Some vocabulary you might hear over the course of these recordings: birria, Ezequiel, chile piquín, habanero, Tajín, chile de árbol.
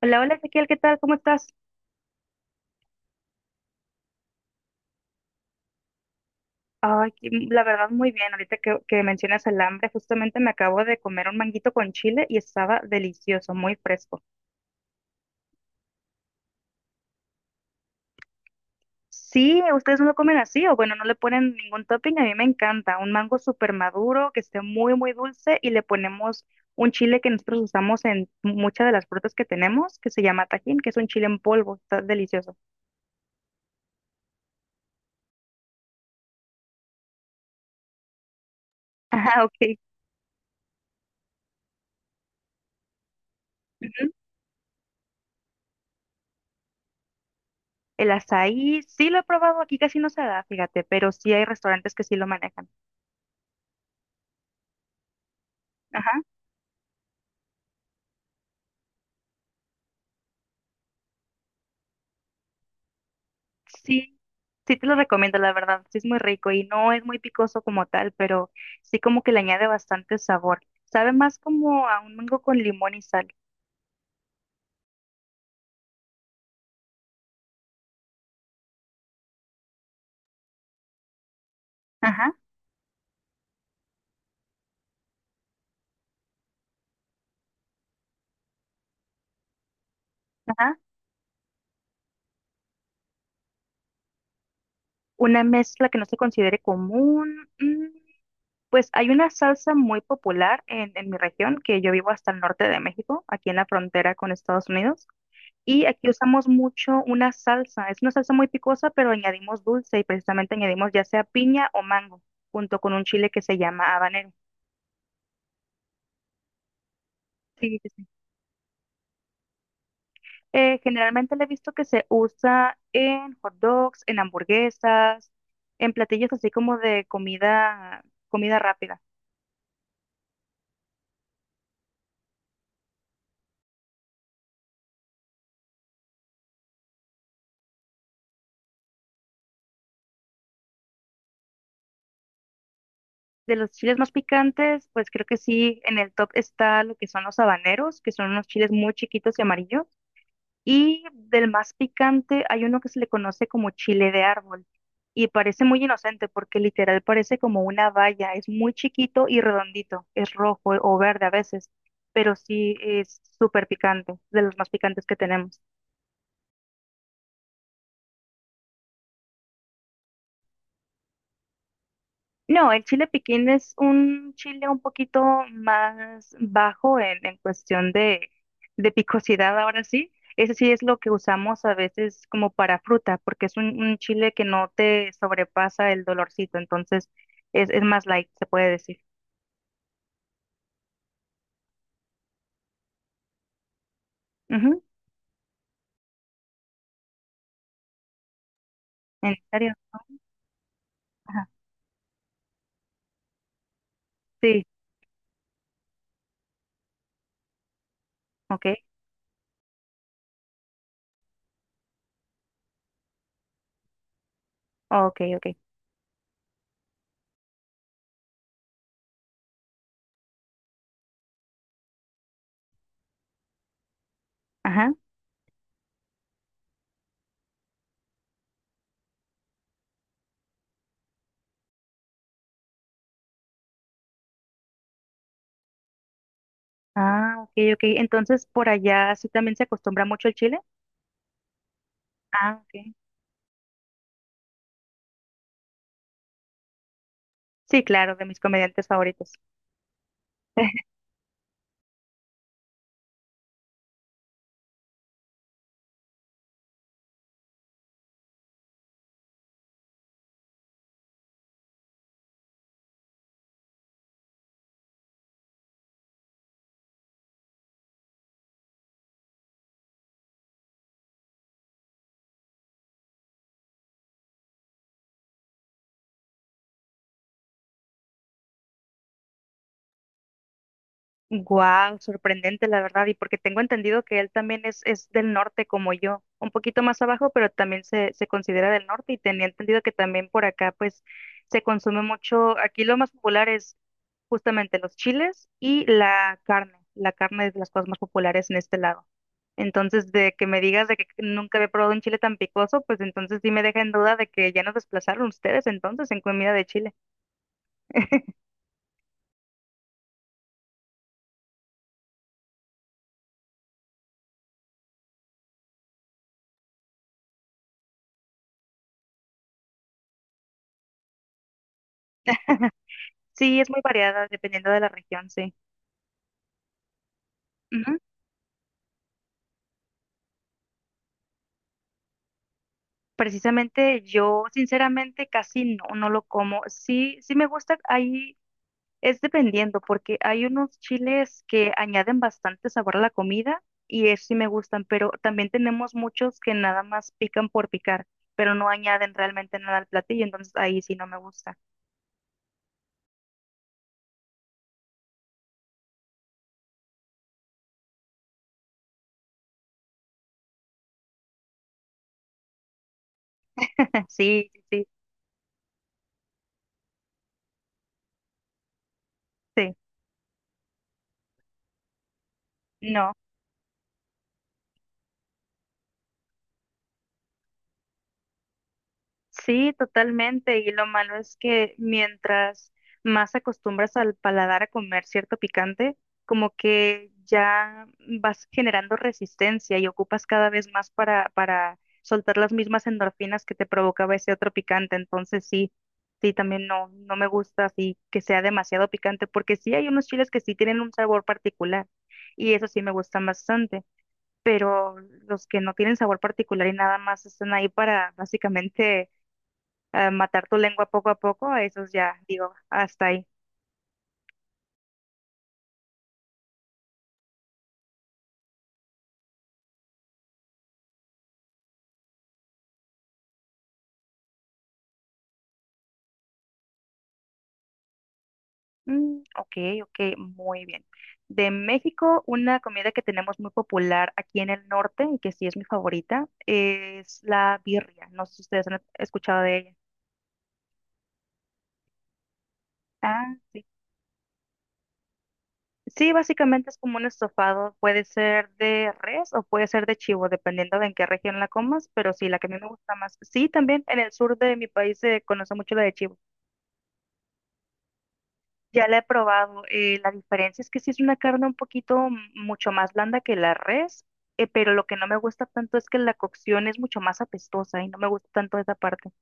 Hola, hola Ezequiel, ¿qué tal? ¿Cómo estás? Ay, la verdad muy bien. Ahorita que mencionas el hambre, justamente me acabo de comer un manguito con chile y estaba delicioso, muy fresco. Sí, ustedes no lo comen así, o bueno, no le ponen ningún topping, a mí me encanta. Un mango súper maduro, que esté muy, muy dulce y le ponemos un chile que nosotros usamos en muchas de las frutas que tenemos, que se llama Tajín, que es un chile en polvo, está delicioso. Ah, ok. Ujú. El azaí, sí lo he probado, aquí casi no se da, fíjate, pero sí hay restaurantes que sí lo manejan. Sí, sí te lo recomiendo, la verdad. Sí es muy rico y no es muy picoso como tal, pero sí como que le añade bastante sabor. Sabe más como a un mango con limón y sal. Ajá, ajá. Una mezcla que no se considere común. Pues hay una salsa muy popular en mi región, que yo vivo hasta el norte de México, aquí en la frontera con Estados Unidos. Y aquí usamos mucho una salsa. Es una salsa muy picosa, pero añadimos dulce y precisamente añadimos ya sea piña o mango, junto con un chile que se llama habanero. Sí, sí, sí. Generalmente le he visto que se usa en hot dogs, en hamburguesas, en platillos así como de comida, comida rápida. De los chiles más picantes, pues creo que sí, en el top está lo que son los habaneros, que son unos chiles muy chiquitos y amarillos. Y del más picante hay uno que se le conoce como chile de árbol. Y parece muy inocente porque literal parece como una valla. Es muy chiquito y redondito. Es rojo o verde a veces. Pero sí es súper picante, de los más picantes que tenemos. No, el chile piquín es un chile un poquito más bajo en cuestión de picosidad, ahora sí. Ese sí es lo que usamos a veces como para fruta, porque es un chile que no te sobrepasa el dolorcito, entonces es más light, se puede decir. Ujú, ¿en serio? Ajá. Sí, ok, ok, ok. Ajá. Ah, ok, ok. Entonces, por allá sí también se acostumbra mucho el chile. Ah, ok. Sí, claro, de mis comediantes favoritos. Guau, sorprendente la verdad, y porque tengo entendido que él también es del norte como yo, un poquito más abajo, pero también se considera del norte y tenía entendido que también por acá pues se consume mucho, aquí lo más popular es justamente los chiles y la carne es de las cosas más populares en este lado. Entonces, de que me digas de que nunca había probado un chile tan picoso, pues entonces sí me deja en duda de que ya nos desplazaron ustedes entonces en comida de Chile. Sí, es muy variada dependiendo de la región, sí. Precisamente yo sinceramente casi no, no lo como. Sí, sí me gusta, ahí es dependiendo, porque hay unos chiles que añaden bastante sabor a la comida y eso sí me gustan, pero también tenemos muchos que nada más pican por picar, pero no añaden realmente nada al platillo, entonces ahí sí no me gusta. Sí, sí, sí, sí. No. Sí, totalmente. Y lo malo es que mientras más acostumbras al paladar a comer cierto picante, como que ya vas generando resistencia y ocupas cada vez más para soltar las mismas endorfinas que te provocaba ese otro picante. Entonces sí, sí, también no, no me gusta así que sea demasiado picante, porque sí hay unos chiles que sí tienen un sabor particular y eso sí me gustan bastante, pero los que no tienen sabor particular y nada más están ahí para básicamente matar tu lengua poco a poco, eso es ya, digo, hasta ahí. Mm, ok, ok, muy bien. De México, una comida que tenemos muy popular aquí en el norte y que sí es mi favorita es la birria. No sé si ustedes han escuchado de ella. Ah, sí. Sí, básicamente es como un estofado, puede ser de res o puede ser de chivo, dependiendo de en qué región la comas, pero sí, la que a mí me gusta más. Sí, también en el sur de mi país se conoce mucho la de chivo. Ya la he probado. La diferencia es que sí es una carne un poquito mucho más blanda que la res, pero lo que no me gusta tanto es que la cocción es mucho más apestosa y no me gusta tanto esa parte.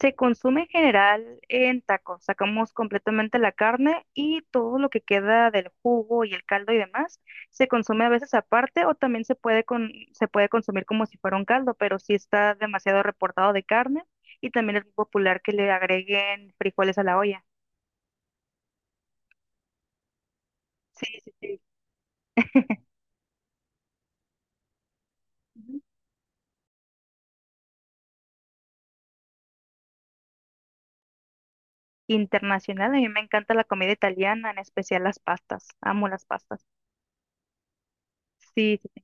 Se consume en general en tacos. Sacamos completamente la carne y todo lo que queda del jugo y el caldo y demás se consume a veces aparte o también se puede se puede consumir como si fuera un caldo, pero sí está demasiado reportado de carne y también es muy popular que le agreguen frijoles a la olla. Sí, sí, sí. Internacional. A mí me encanta la comida italiana, en especial las pastas. Amo las pastas. Sí, sí, sí.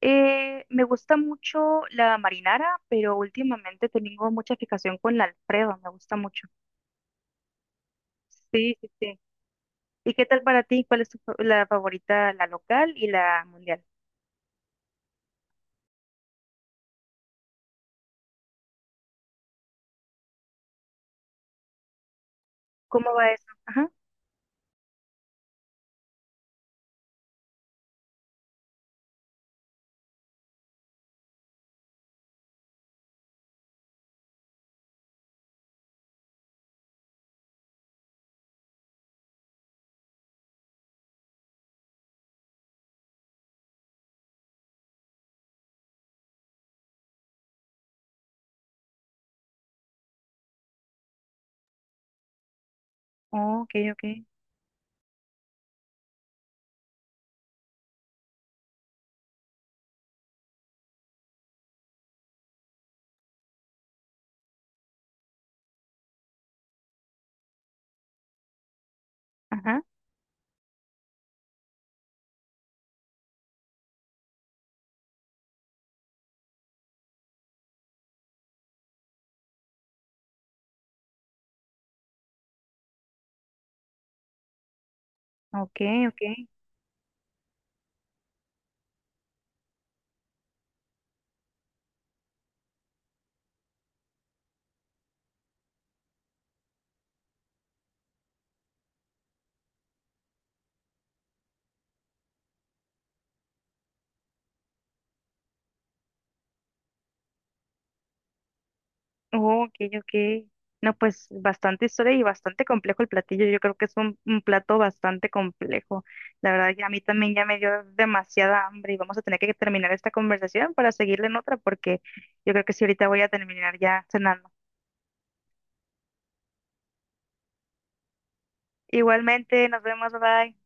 Me gusta mucho la marinara, pero últimamente tengo mucha fijación con la Alfredo. Me gusta mucho. Sí, sí, sí. ¿Y qué tal para ti? ¿Cuál es tu, la favorita, la local y la mundial? ¿Cómo va eso? Ajá. Oh, ok, ok. Ajá. Ok, ok. Oh, ok, ok. No, pues bastante historia y bastante complejo el platillo. Yo creo que es un plato bastante complejo. La verdad que a mí también ya me dio demasiada hambre y vamos a tener que terminar esta conversación para seguirla en otra porque yo creo que sí ahorita voy a terminar ya cenando. Igualmente, nos vemos, bye.